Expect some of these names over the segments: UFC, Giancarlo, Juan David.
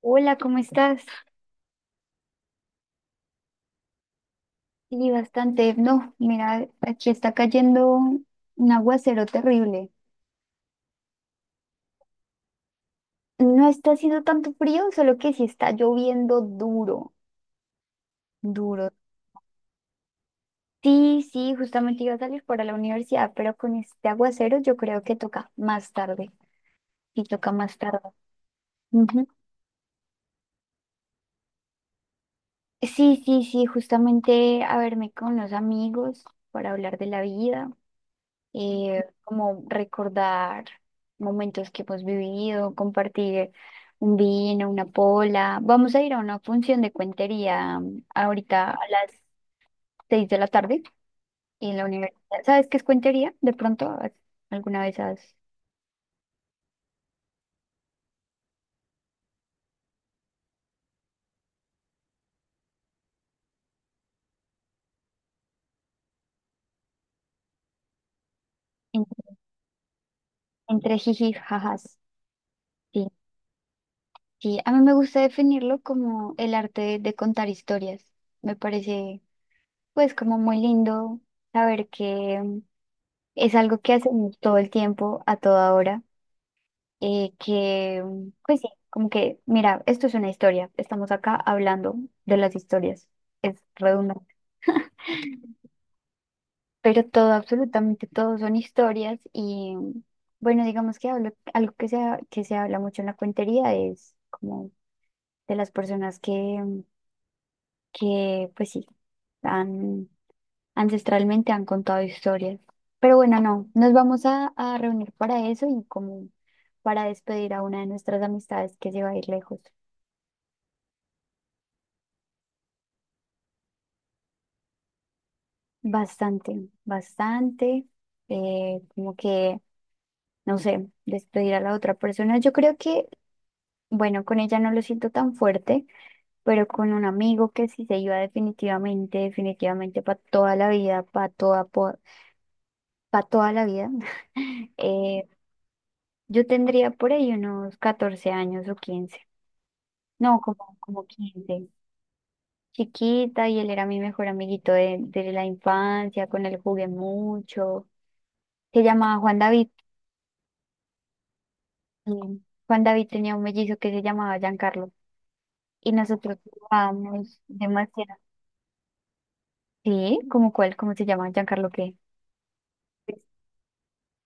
Hola, ¿cómo estás? Sí, bastante. No, mira, aquí está cayendo un aguacero terrible. No está haciendo tanto frío, solo que sí está lloviendo duro, duro. Sí, sí, justamente iba a salir para la universidad, pero con este aguacero yo creo que toca más tarde. Sí, toca más tarde. Ujú. Sí, sí, sí, justamente a verme con los amigos para hablar de la vida. Como recordar momentos que hemos vivido, compartir un vino, una pola. Vamos a ir a una función de cuentería ahorita a las 6 de la tarde en la universidad. ¿Sabes qué es cuentería? De pronto, ¿has- alguna vez has en- entre jiji y jajas. Sí, sí. A mí me gusta definirlo como el arte de contar historias. Me parece, pues, como muy lindo saber que es algo que hacemos todo el tiempo, a toda hora pues sí, como que, mira, esto es una historia, estamos acá hablando de las historias, es redundante, pero todo, absolutamente todo son historias y bueno, digamos que algo que que se habla mucho en la cuentería es como de las personas que pues sí, han, ancestralmente han contado historias. Pero bueno, no, nos vamos a reunir para eso y como para despedir a una de nuestras amistades que se va a ir lejos. Bastante, bastante, eh, como que, no sé, despedir a la otra persona. Yo creo que, bueno, con ella no lo siento tan fuerte, pero con un amigo que sí se iba definitivamente, definitivamente para toda la vida, para toda la vida, eh, yo tendría por ahí unos 14 años o 15, no, como, como 15, chiquita, y él era mi mejor amiguito de la infancia, con él jugué mucho, se llamaba Juan David. Mm. Juan David tenía un mellizo que se llamaba Giancarlo y nosotros jugábamos demasiado. Sí, ¿cómo cuál? ¿Cómo se llama? ¿Giancarlo qué?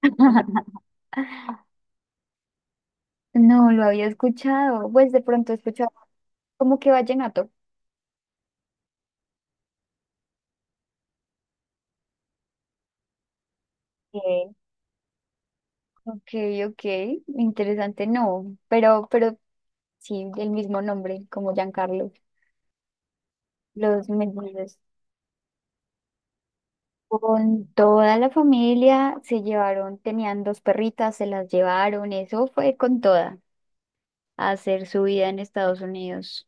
No lo había escuchado. Pues de pronto he escuchado como que vallenato. Ok, ok, ok, interesante, no, pero sí, el mismo nombre, como Giancarlo. Los mellizos, con toda la familia, se llevaron, tenían dos perritas, se las llevaron, eso fue con toda. A hacer su vida en Estados Unidos.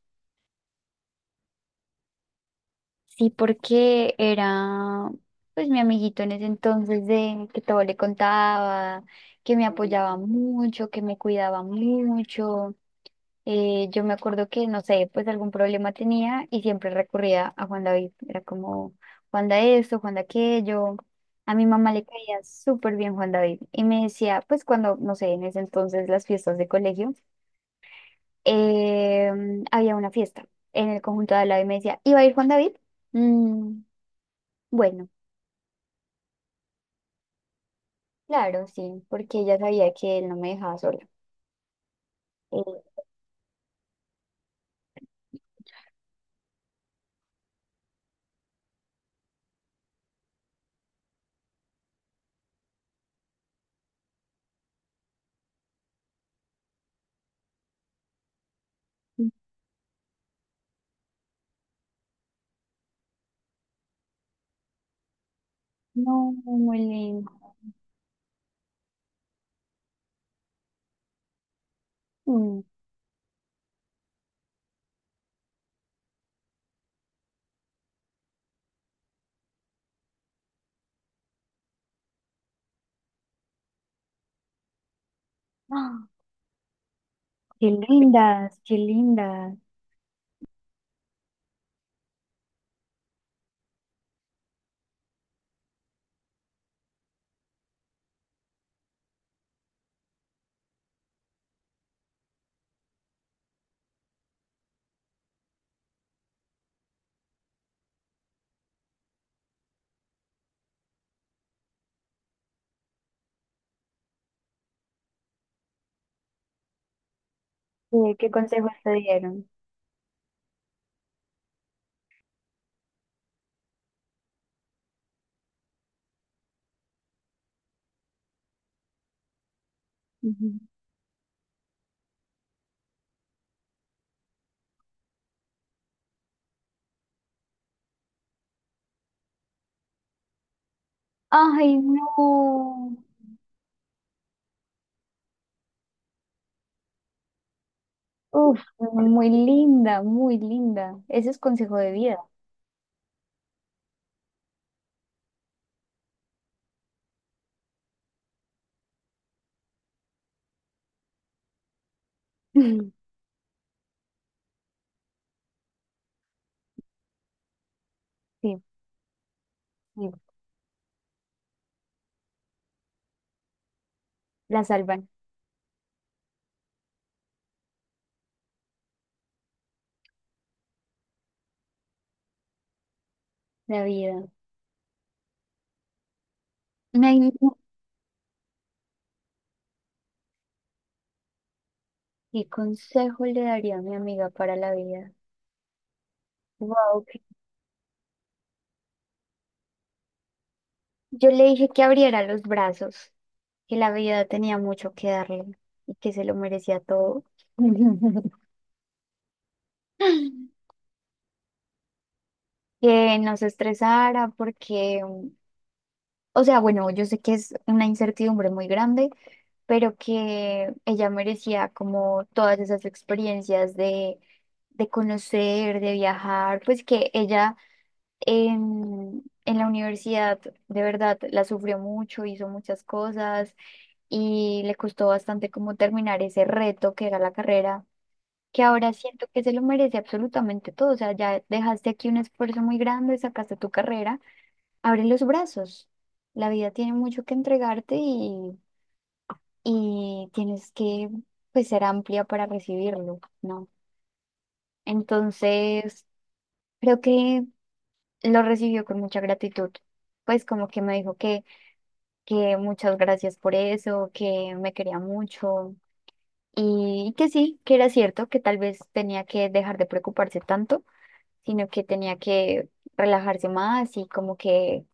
Sí, porque era pues mi amiguito en ese entonces de que todo le contaba, que me apoyaba mucho, que me cuidaba mucho. Yo me acuerdo que, no sé, pues algún problema tenía y siempre recurría a Juan David. Era como Juan da esto, Juan da aquello. A mi mamá le caía súper bien Juan David y me decía, pues cuando, no sé, en ese entonces las fiestas de colegio. eh, Había una fiesta en el conjunto de al lado y me decía, ¿iba a ir Juan David? "Mm, bueno, claro", sí, porque ella sabía que él no me dejaba sola. Eh, no, muy lindo. Mm. ¡Ah! Qué lindas, qué lindas. ¿Qué, qué consejos te dieron? Ujú. Ay, no. Uf, muy linda, muy linda. Ese es consejo de vida. Sí, sí, la salvan la vida. Ay, no. ¿Qué consejo le daría a mi amiga para la vida? Wow. Yo le dije que abriera los brazos, que la vida tenía mucho que darle y que se lo merecía todo. Que no se estresara porque, o sea, bueno, yo sé que es una incertidumbre muy grande, pero que ella merecía como todas esas experiencias de conocer, de viajar, pues que ella en la universidad, de verdad, la sufrió mucho, hizo muchas cosas y le costó bastante como terminar ese reto que era la carrera, que ahora siento que se lo merece absolutamente todo. O sea, ya dejaste aquí un esfuerzo muy grande, sacaste tu carrera, abre los brazos. La vida tiene mucho que entregarte y tienes que pues, ser amplia para recibirlo, ¿no? Entonces, creo que lo recibió con mucha gratitud. Pues como que me dijo que muchas gracias por eso, que me quería mucho y que sí, que era cierto, que tal vez tenía que dejar de preocuparse tanto, sino que tenía que relajarse más y como que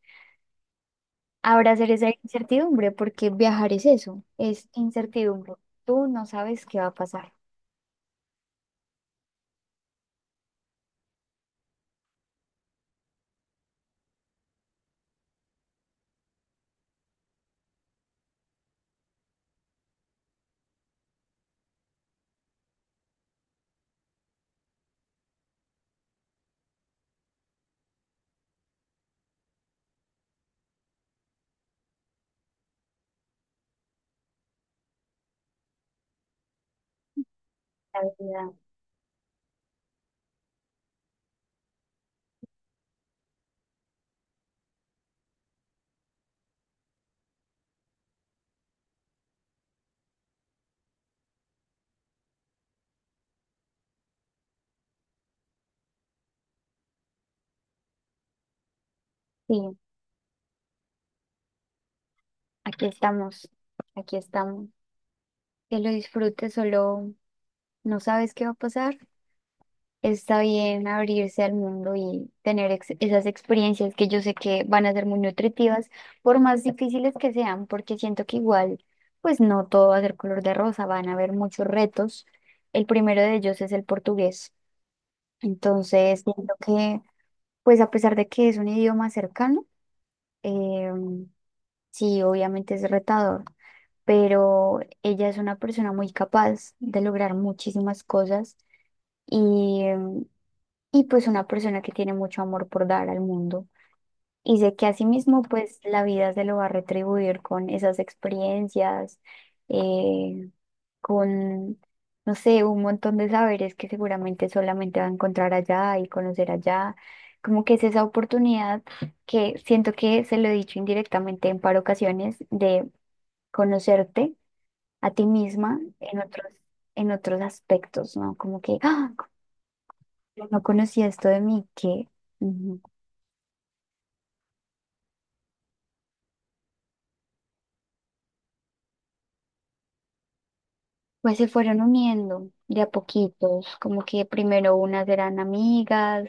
abrazar esa incertidumbre, porque viajar es eso, es incertidumbre. Tú no sabes qué va a pasar. La vida, sí, aquí estamos, aquí estamos. Que lo disfrutes, solo no sabes qué va a pasar. Está bien abrirse al mundo y tener esas experiencias que yo sé que van a ser muy nutritivas, por más difíciles que sean, porque siento que igual, pues no todo va a ser color de rosa, van a haber muchos retos. El primero de ellos es el portugués. Entonces, siento que, pues a pesar de que es un idioma cercano, eh, sí, obviamente es retador, pero ella es una persona muy capaz de lograr muchísimas cosas. Y y pues una persona que tiene mucho amor por dar al mundo. Y sé que asimismo pues la vida se lo va a retribuir con esas experiencias, eh, con, no sé, un montón de saberes que seguramente solamente va a encontrar allá y conocer allá. Como que es esa oportunidad que siento que se lo he dicho indirectamente en par ocasiones de conocerte a ti misma en otros aspectos, ¿no? Como que, ah, no conocía esto de mí, que... Pues se fueron uniendo de a poquitos, como que primero unas eran amigas,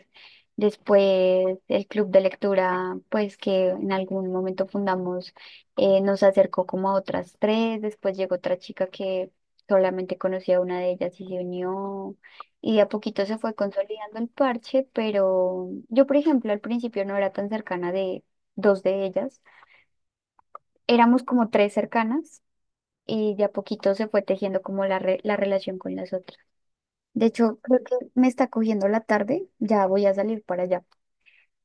después el club de lectura, pues que en algún momento fundamos, nos acercó como a otras tres, después llegó otra chica que solamente conocía a una de ellas y se unió, y de a poquito se fue consolidando el parche, pero yo, por ejemplo, al principio no era tan cercana de dos de ellas, éramos como tres cercanas. Y de a poquito se fue tejiendo como la relación con las otras. De hecho, creo que me está cogiendo la tarde, ya voy a salir para allá.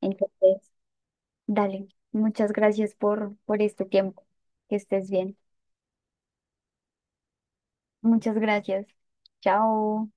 Entonces, dale, muchas gracias por este tiempo. Que estés bien. Muchas gracias. Chao.